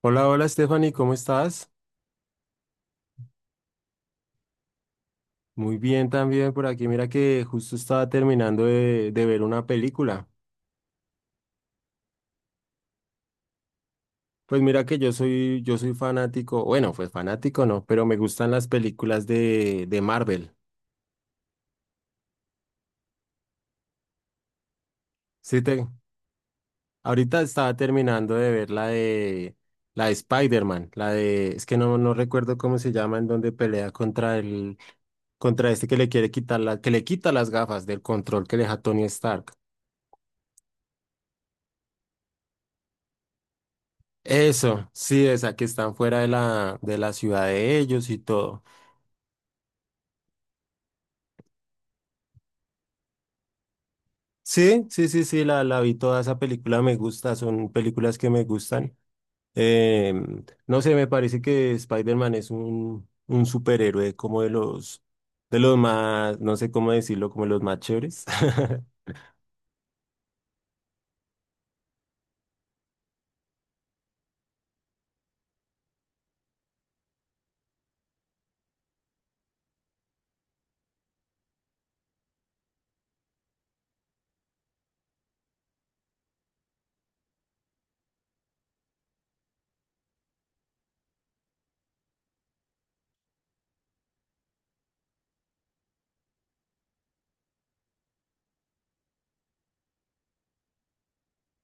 Hola, hola Stephanie, ¿cómo estás? Muy bien también por aquí. Mira que justo estaba terminando de ver una película. Pues mira que yo soy fanático, bueno, pues fanático no, pero me gustan las películas de Marvel. Sí, ahorita estaba terminando de ver la de Spider-Man, la de, es que no recuerdo cómo se llama, en donde pelea contra este que le quiere quitar la, que le quita las gafas del control que le deja Tony Stark. Eso, sí, esa que están fuera de la ciudad de ellos y todo. Sí, sí, sí, sí, la vi toda esa película, me gusta, son películas que me gustan. No sé, me parece que Spider-Man es un superhéroe como de los más, no sé cómo decirlo, como de los más chéveres.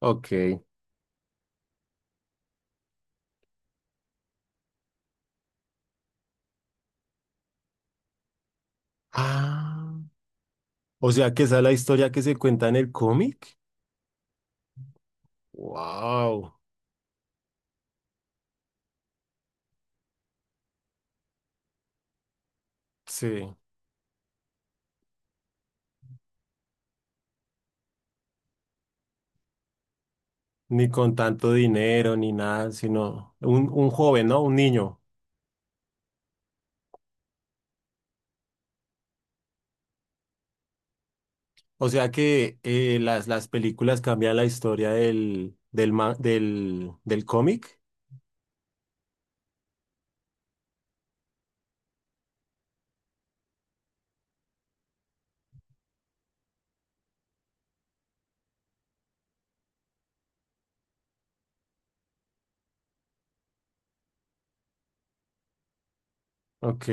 Ok. Ah, o sea que esa es la historia que se cuenta en el cómic. Wow, sí. Ni con tanto dinero, ni nada, sino un joven, ¿no? Un niño. O sea que las películas cambian la historia del cómic. Ok.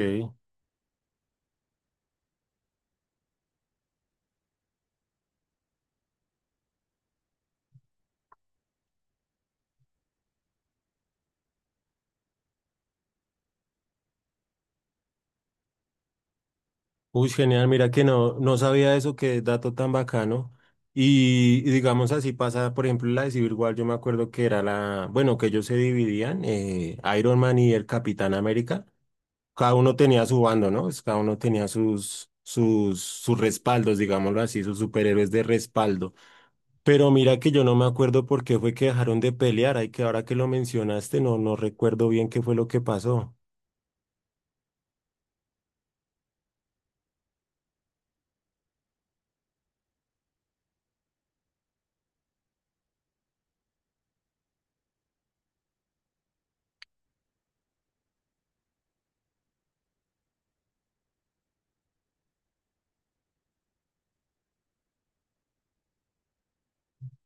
Uy, genial, mira que no sabía eso, qué dato tan bacano. Y digamos así pasa, por ejemplo, la de Civil War, yo me acuerdo que era la, bueno, que ellos se dividían, Iron Man y el Capitán América. Cada uno tenía su bando, ¿no? Pues cada uno tenía sus respaldos, digámoslo así, sus superhéroes de respaldo. Pero mira que yo no me acuerdo por qué fue que dejaron de pelear. Ay, que ahora que lo mencionaste, no recuerdo bien qué fue lo que pasó.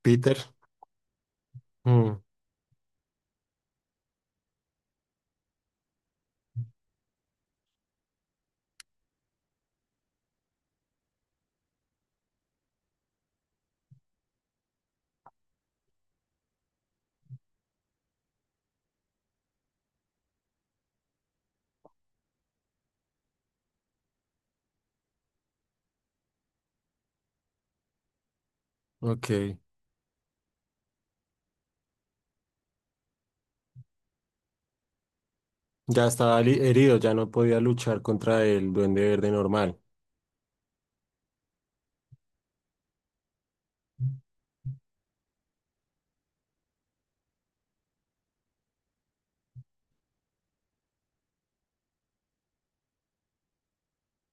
Peter. Mm, ok. Ya estaba herido, ya no podía luchar contra el Duende Verde normal.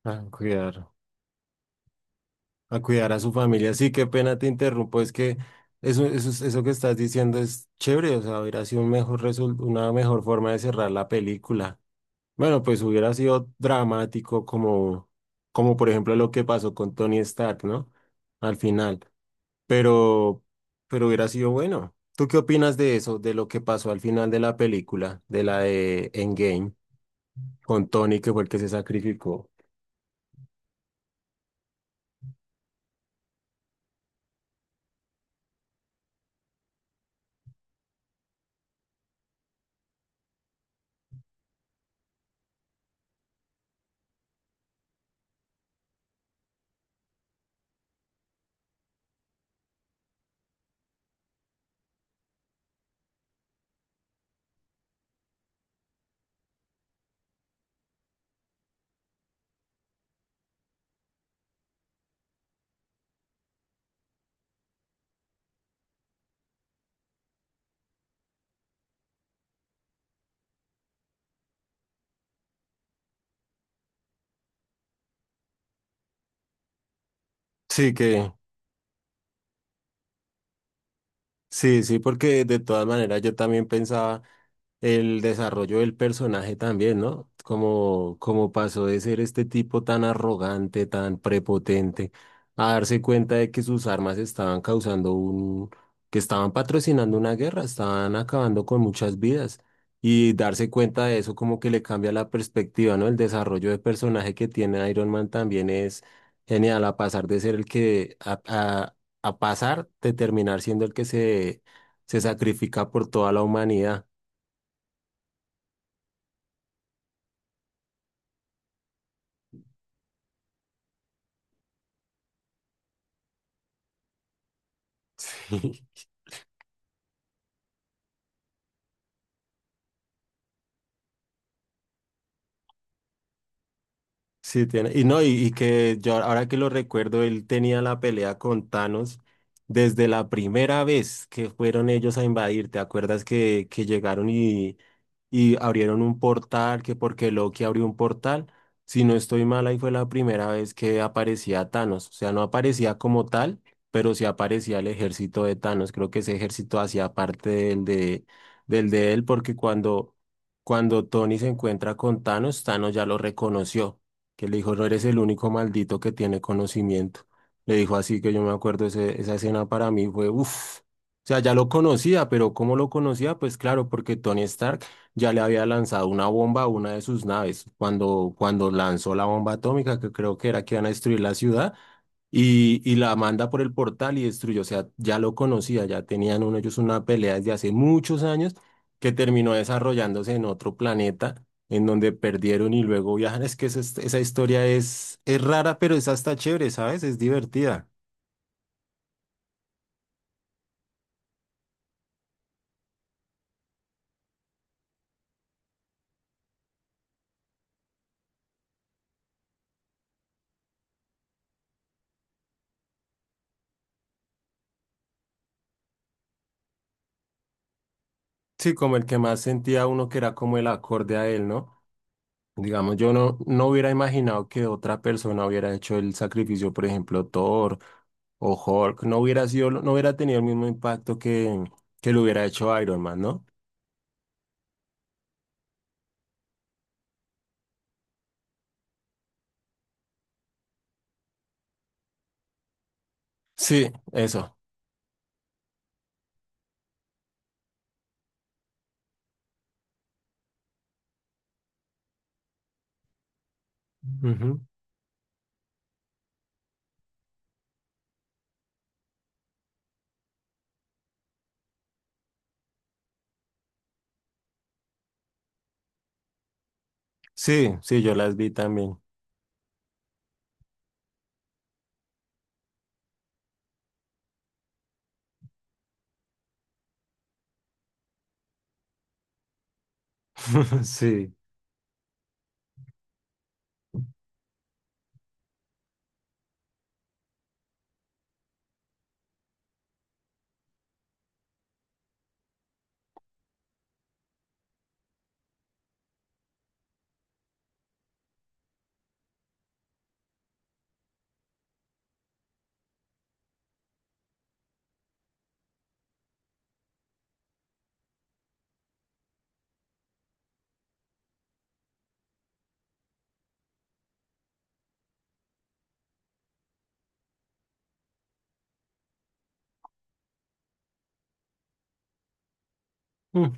Ah, cuidar. A cuidar a su familia. Sí, qué pena te interrumpo, es que eso que estás diciendo es chévere, o sea, hubiera sido una mejor forma de cerrar la película. Bueno, pues hubiera sido dramático como por ejemplo lo que pasó con Tony Stark, ¿no? Al final, pero, pero hubiera sido bueno. ¿Tú qué opinas de eso, de lo que pasó al final de la película, de la de Endgame, con Tony, que fue el que se sacrificó? Sí, que. Sí, sí, porque de todas maneras yo también pensaba el desarrollo del personaje también, ¿no? Como pasó de ser este tipo tan arrogante, tan prepotente, a darse cuenta de que sus armas estaban causando un, que estaban patrocinando una guerra, estaban acabando con muchas vidas. Y darse cuenta de eso como que le cambia la perspectiva, ¿no? El desarrollo de personaje que tiene Iron Man también es genial, a pasar de terminar siendo el que se sacrifica por toda la humanidad. Sí. Sí, tiene. Y no, y que yo ahora que lo recuerdo, él tenía la pelea con Thanos desde la primera vez que fueron ellos a invadir. ¿Te acuerdas que llegaron y abrieron un portal? Que porque Loki abrió un portal. Si no estoy mal, ahí fue la primera vez que aparecía Thanos. O sea, no aparecía como tal, pero sí aparecía el ejército de Thanos. Creo que ese ejército hacía parte del de él, porque cuando Tony se encuentra con Thanos, Thanos ya lo reconoció que le dijo, no eres el único maldito que tiene conocimiento. Le dijo así que yo me acuerdo, esa escena para mí fue, uff, o sea, ya lo conocía, pero ¿cómo lo conocía? Pues claro, porque Tony Stark ya le había lanzado una bomba a una de sus naves, cuando lanzó la bomba atómica, que creo que era que iban a destruir la ciudad, y la manda por el portal y destruyó. O sea, ya lo conocía, ya tenían uno, ellos una pelea desde hace muchos años que terminó desarrollándose en otro planeta en donde perdieron y luego viajan. Es que esa historia es rara, pero es hasta chévere, ¿sabes? Es divertida. Sí, como el que más sentía uno que era como el acorde a él, ¿no? Digamos, yo no hubiera imaginado que otra persona hubiera hecho el sacrificio, por ejemplo, Thor o Hulk, no hubiera sido, no hubiera tenido el mismo impacto que lo hubiera hecho Iron Man, ¿no? Sí, eso. Ujú. Sí, sí, yo las vi también. Sí. Mm.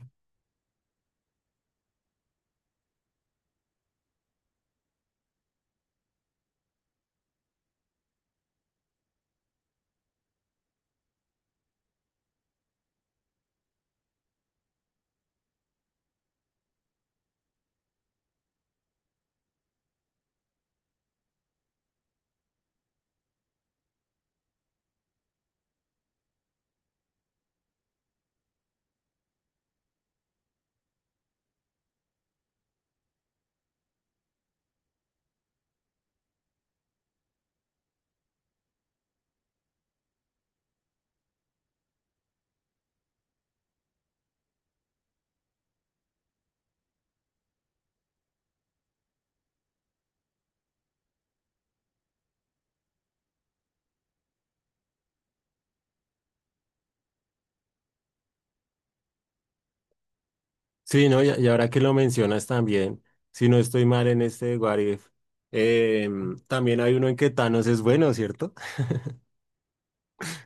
Sí, ¿no? Y ahora que lo mencionas también, si no estoy mal en este What If, también hay uno en que Thanos es bueno, ¿cierto?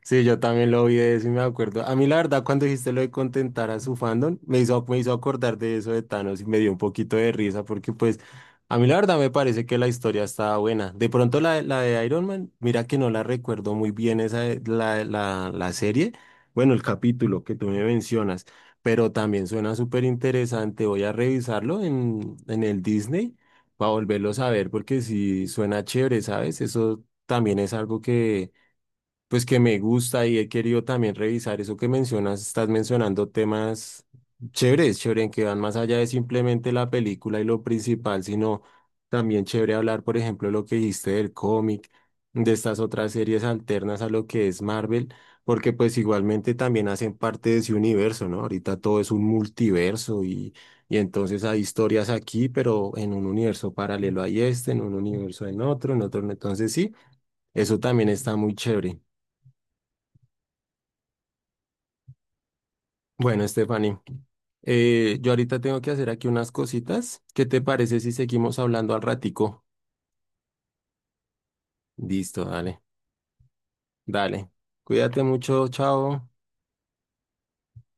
Sí, yo también lo vi de eso y me acuerdo. A mí la verdad, cuando dijiste lo de contentar a su fandom, me hizo acordar de eso de Thanos y me dio un poquito de risa porque pues a mí la verdad me parece que la historia estaba buena. De pronto la de Iron Man, mira que no la recuerdo muy bien esa, la serie, bueno, el capítulo que tú me mencionas, pero también suena súper interesante. Voy a revisarlo en el Disney para volverlo a ver porque sí suena chévere, ¿sabes? Eso también es algo que. Pues que me gusta y he querido también revisar eso que mencionas, estás mencionando temas chéveres, chévere, en que van más allá de simplemente la película y lo principal, sino también chévere hablar, por ejemplo, lo que dijiste del cómic, de estas otras series alternas a lo que es Marvel, porque pues igualmente también hacen parte de ese universo, ¿no? Ahorita todo es un multiverso y entonces hay historias aquí, pero en un universo paralelo hay este, en un universo en otro, entonces sí, eso también está muy chévere. Bueno, Stephanie, yo ahorita tengo que hacer aquí unas cositas. ¿Qué te parece si seguimos hablando al ratico? Listo, dale, dale. Cuídate mucho, chao.